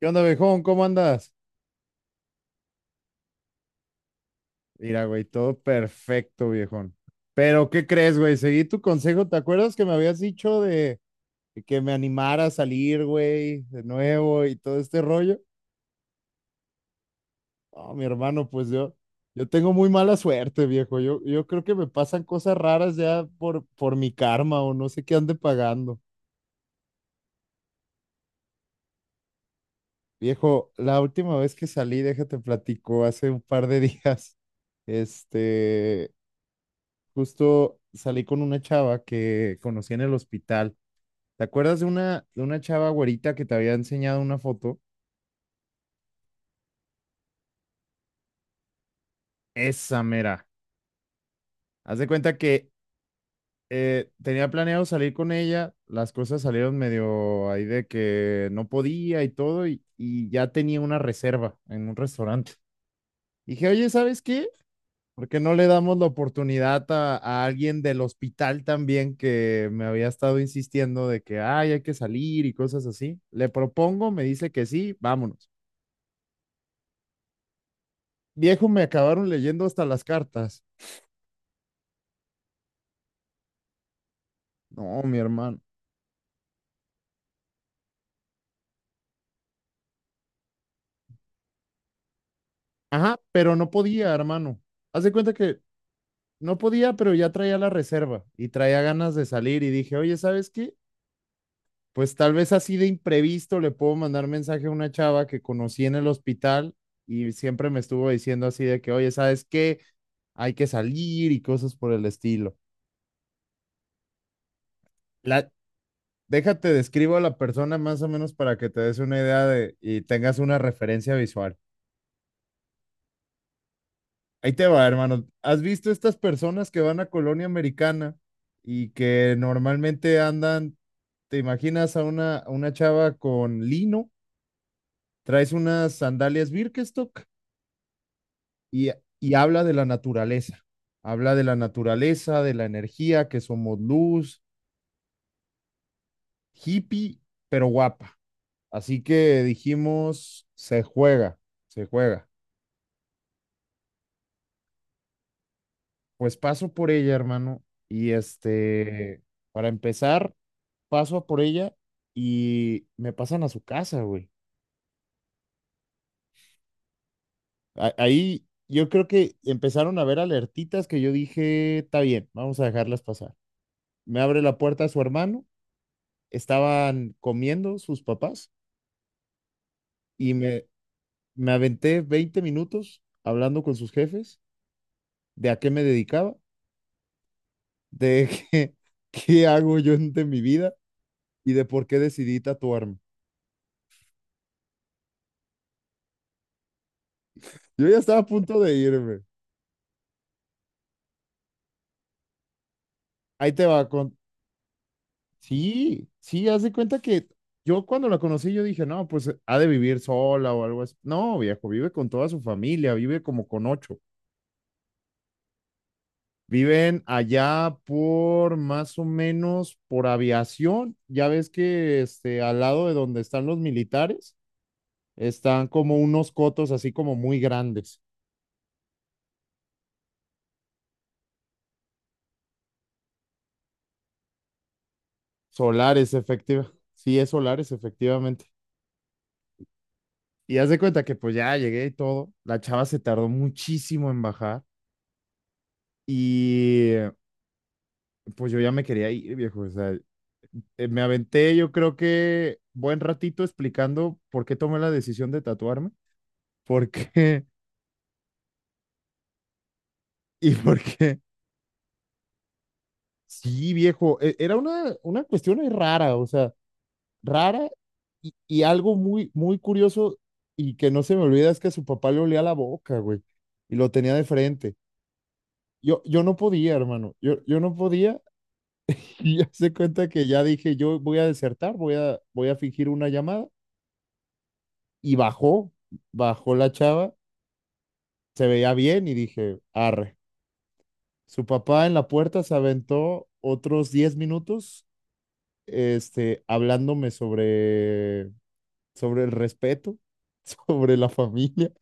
¿Qué onda, viejón? ¿Cómo andas? Mira, güey, todo perfecto, viejón. Pero, ¿qué crees, güey? Seguí tu consejo. ¿Te acuerdas que me habías dicho de que me animara a salir, güey, de nuevo y todo este rollo? No, mi hermano, pues yo tengo muy mala suerte, viejo. Yo creo que me pasan cosas raras ya por mi karma o no sé qué ande pagando. Viejo, la última vez que salí, déjate platico, hace un par de días. Este, Justo salí con una chava que conocí en el hospital. ¿Te acuerdas de una chava güerita que te había enseñado una foto? Esa mera. Haz de cuenta que tenía planeado salir con ella, las cosas salieron medio ahí de que no podía y todo, y ya tenía una reserva en un restaurante. Dije, oye, ¿sabes qué? ¿Por qué no le damos la oportunidad a alguien del hospital también que me había estado insistiendo de que ay, hay que salir y cosas así? Le propongo, me dice que sí, vámonos. Viejo, me acabaron leyendo hasta las cartas. No, mi hermano. Ajá, pero no podía, hermano. Haz de cuenta que no podía, pero ya traía la reserva y traía ganas de salir y dije, oye, ¿sabes qué? Pues tal vez así de imprevisto le puedo mandar mensaje a una chava que conocí en el hospital y siempre me estuvo diciendo así de que, oye, ¿sabes qué? Hay que salir y cosas por el estilo. La, déjate, describo a la persona más o menos para que te des una idea de y tengas una referencia visual. Ahí te va, hermano. ¿Has visto estas personas que van a colonia americana y que normalmente andan, te imaginas a una chava con lino, traes unas sandalias Birkenstock y, y habla de la naturaleza. Habla de la naturaleza, de la energía, que somos luz, hippie, pero guapa. Así que dijimos, se juega, se juega. Pues paso por ella, hermano. Y para empezar, paso a por ella y me pasan a su casa, güey. Ahí yo creo que empezaron a ver alertitas que yo dije, está bien, vamos a dejarlas pasar. Me abre la puerta su hermano, estaban comiendo sus papás y me aventé 20 minutos hablando con sus jefes de a qué me dedicaba, de qué hago yo de mi vida y de por qué decidí tatuarme. Yo ya estaba a punto de irme. Ahí te va con. Sí, sí, haz de cuenta que yo cuando la conocí yo dije, no, pues ha de vivir sola o algo así. No, viejo, vive con toda su familia, vive como con ocho. Viven allá por más o menos por aviación. Ya ves que este, al lado de donde están los militares, están como unos cotos así como muy grandes. Solares, efectiva. Sí, es solares, efectivamente. Y haz de cuenta que pues ya llegué y todo. La chava se tardó muchísimo en bajar. Y pues yo ya me quería ir, viejo. O sea, me aventé yo creo que buen ratito explicando por qué tomé la decisión de tatuarme. ¿Por qué? Y porque, sí, viejo, era una cuestión ahí rara. O sea, rara y algo muy, muy curioso y que no se me olvida es que su papá le olía la boca, güey, y lo tenía de frente. Yo no podía, hermano, yo no podía y ya se cuenta que ya dije, yo voy a desertar, voy a fingir una llamada y bajó la chava, se veía bien y dije, arre. Su papá en la puerta se aventó otros 10 minutos este, hablándome sobre el respeto, sobre la familia,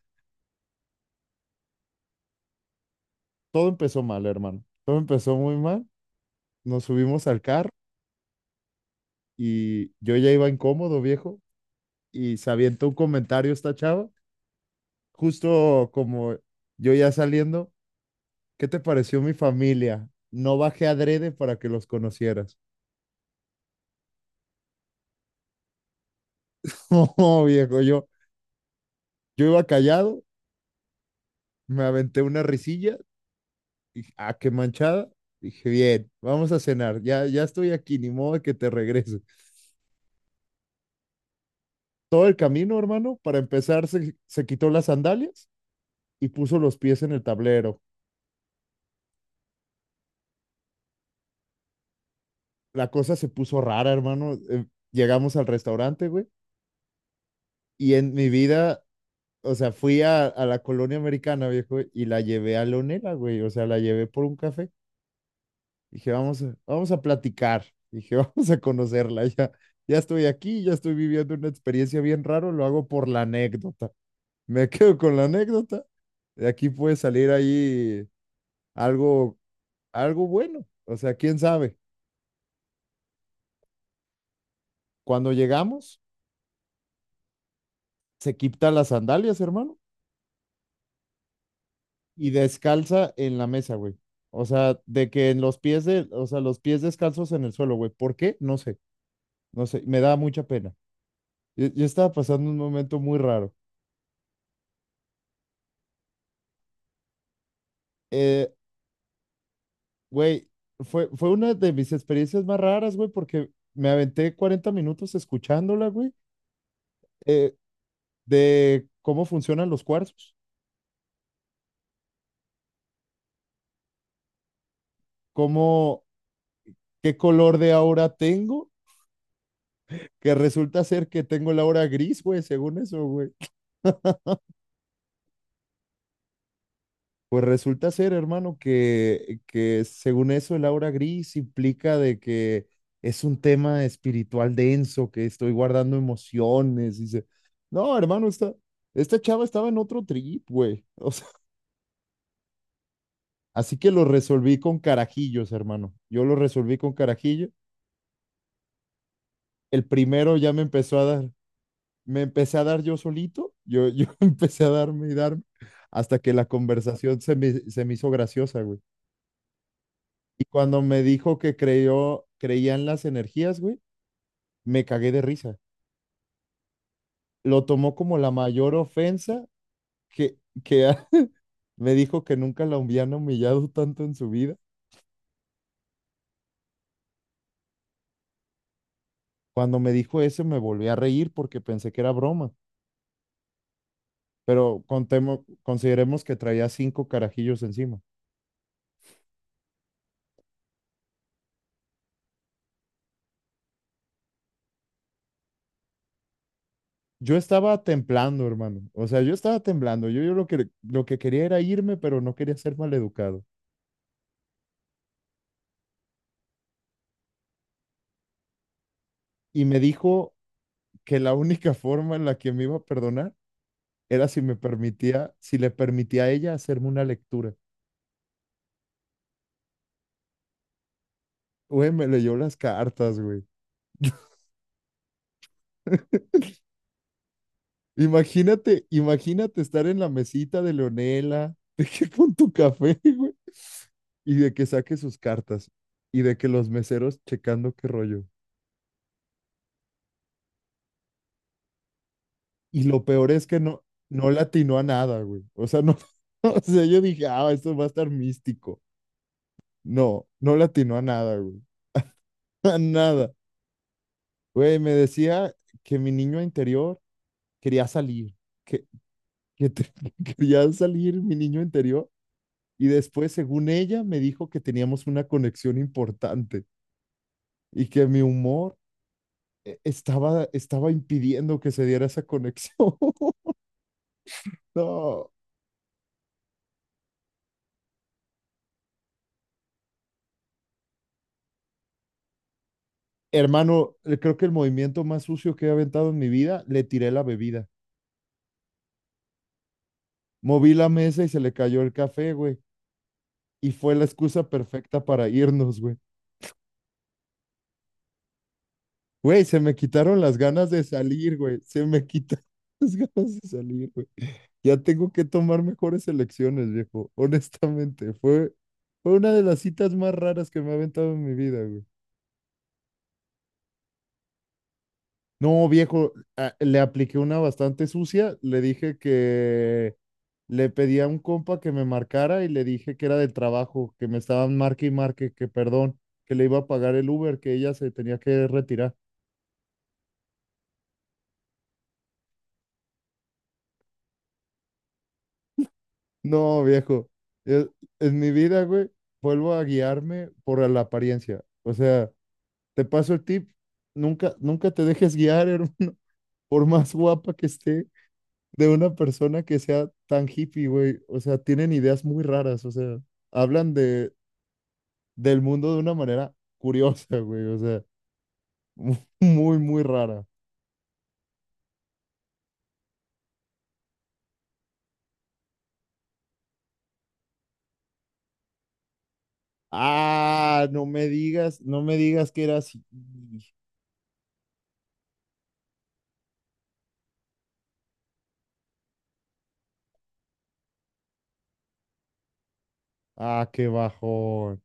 todo empezó mal, hermano. Todo empezó muy mal. Nos subimos al carro y yo ya iba incómodo, viejo, y se avientó un comentario esta chava, justo como yo ya saliendo, ¿qué te pareció mi familia? No bajé adrede para que los conocieras. Oh, viejo, yo iba callado, me aventé una risilla, dije, ah, qué manchada. Dije, bien, vamos a cenar, ya, ya estoy aquí, ni modo de que te regreses. Todo el camino, hermano, para empezar, se quitó las sandalias y puso los pies en el tablero. La cosa se puso rara, hermano. Llegamos al restaurante, güey, y en mi vida, o sea, fui a la colonia americana, viejo, y la llevé a Leonela, güey, o sea, la llevé por un café. Dije, vamos a platicar, dije, vamos a conocerla, ya, ya estoy aquí, ya estoy viviendo una experiencia bien raro, lo hago por la anécdota. Me quedo con la anécdota. De aquí puede salir ahí algo, algo bueno. O sea, quién sabe. Cuando llegamos, se quita las sandalias, hermano, y descalza en la mesa, güey. O sea, de que en los pies de, o sea, los pies descalzos en el suelo, güey. ¿Por qué? No sé, no sé, me da mucha pena. Yo estaba pasando un momento muy raro. Eh, güey, fue una de mis experiencias más raras, güey, porque me aventé 40 minutos escuchándola, güey, eh, de cómo funcionan los cuarzos, cómo, qué color de aura tengo, que resulta ser que tengo la aura gris, güey, según eso, güey. Pues resulta ser, hermano, que según eso el aura gris implica de que es un tema espiritual denso, que estoy guardando emociones. Dice, no, hermano, esta chava estaba en otro trip, güey. O sea, así que lo resolví con carajillos, hermano. Yo lo resolví con carajillo. El primero ya me empezó a dar, me empecé a dar yo solito, yo empecé a darme y darme, hasta que la conversación se me hizo graciosa, güey. Y cuando me dijo que creía en las energías, güey, me cagué de risa. Lo tomó como la mayor ofensa. que, que ha- Me dijo que nunca la habían humillado tanto en su vida. Cuando me dijo eso, me volví a reír porque pensé que era broma, pero consideremos que traía cinco carajillos encima. Yo estaba temblando, hermano. O sea, yo estaba temblando. Yo lo que quería era irme, pero no quería ser maleducado. Y me dijo que la única forma en la que me iba a perdonar era si le permitía a ella hacerme una lectura. Güey, me leyó las cartas, güey. Imagínate estar en la mesita de Leonela, de que con tu café, güey, y de que saque sus cartas, y de que los meseros checando qué rollo. Y lo peor es que no, no le atinó a nada, güey. O sea, no, o sea, yo dije, ah, esto va a estar místico. No, no le atinó a nada, güey. A nada. Güey, me decía que mi niño interior quería salir, que que te- que quería salir mi niño interior y después, según ella, me dijo que teníamos una conexión importante y que mi humor estaba impidiendo que se diera esa conexión. No, hermano, creo que el movimiento más sucio que he aventado en mi vida, le tiré la bebida. Moví la mesa y se le cayó el café, güey. Y fue la excusa perfecta para irnos, güey. Güey, se me quitaron las ganas de salir, güey. Se me quitaron las ganas de salir, güey. Ya tengo que tomar mejores elecciones, viejo. Honestamente, fue una de las citas más raras que me ha aventado en mi vida, güey. No, viejo, le apliqué una bastante sucia. Le dije que le pedí a un compa que me marcara y le dije que era del trabajo, que me estaban marque y marque, que perdón, que le iba a pagar el Uber, que ella se tenía que retirar. No, viejo, e- en mi vida, güey, vuelvo a guiarme por la apariencia. O sea. Te paso el tip. Nunca, nunca te dejes guiar, hermano, por más guapa que esté, de una persona que sea tan hippie, güey. O sea, tienen ideas muy raras, o sea, hablan de, del mundo de una manera curiosa, güey. O sea, mu- muy, muy rara. Ah, no me digas, no me digas que era así. Ah, qué bajón.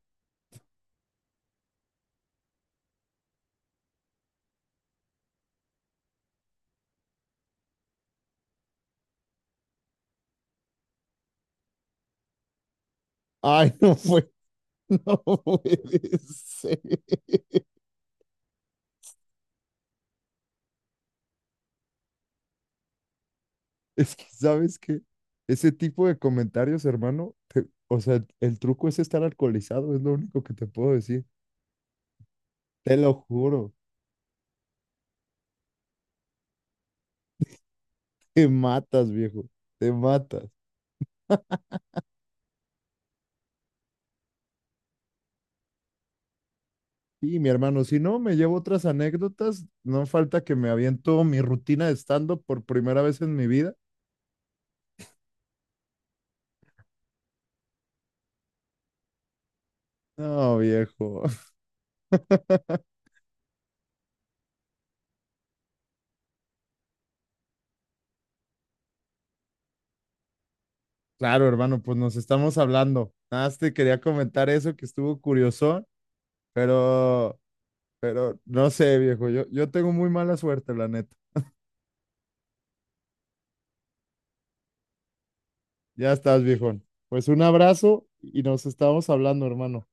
Ay, no fue, no puede ser. Es que, ¿sabes qué? Ese tipo de comentarios, hermano, o sea, el truco es estar alcoholizado, es lo único que te puedo decir. Te lo juro, te matas, viejo, te matas. Y mi hermano, si no, me llevo otras anécdotas, no falta que me aviento mi rutina de stand-up por primera vez en mi vida. No, viejo. Claro, hermano, pues nos estamos hablando. Nada más te quería comentar eso que estuvo curioso, pero, pero no sé, viejo, yo tengo muy mala suerte, la neta. Ya estás, viejón. Pues un abrazo y nos estamos hablando, hermano.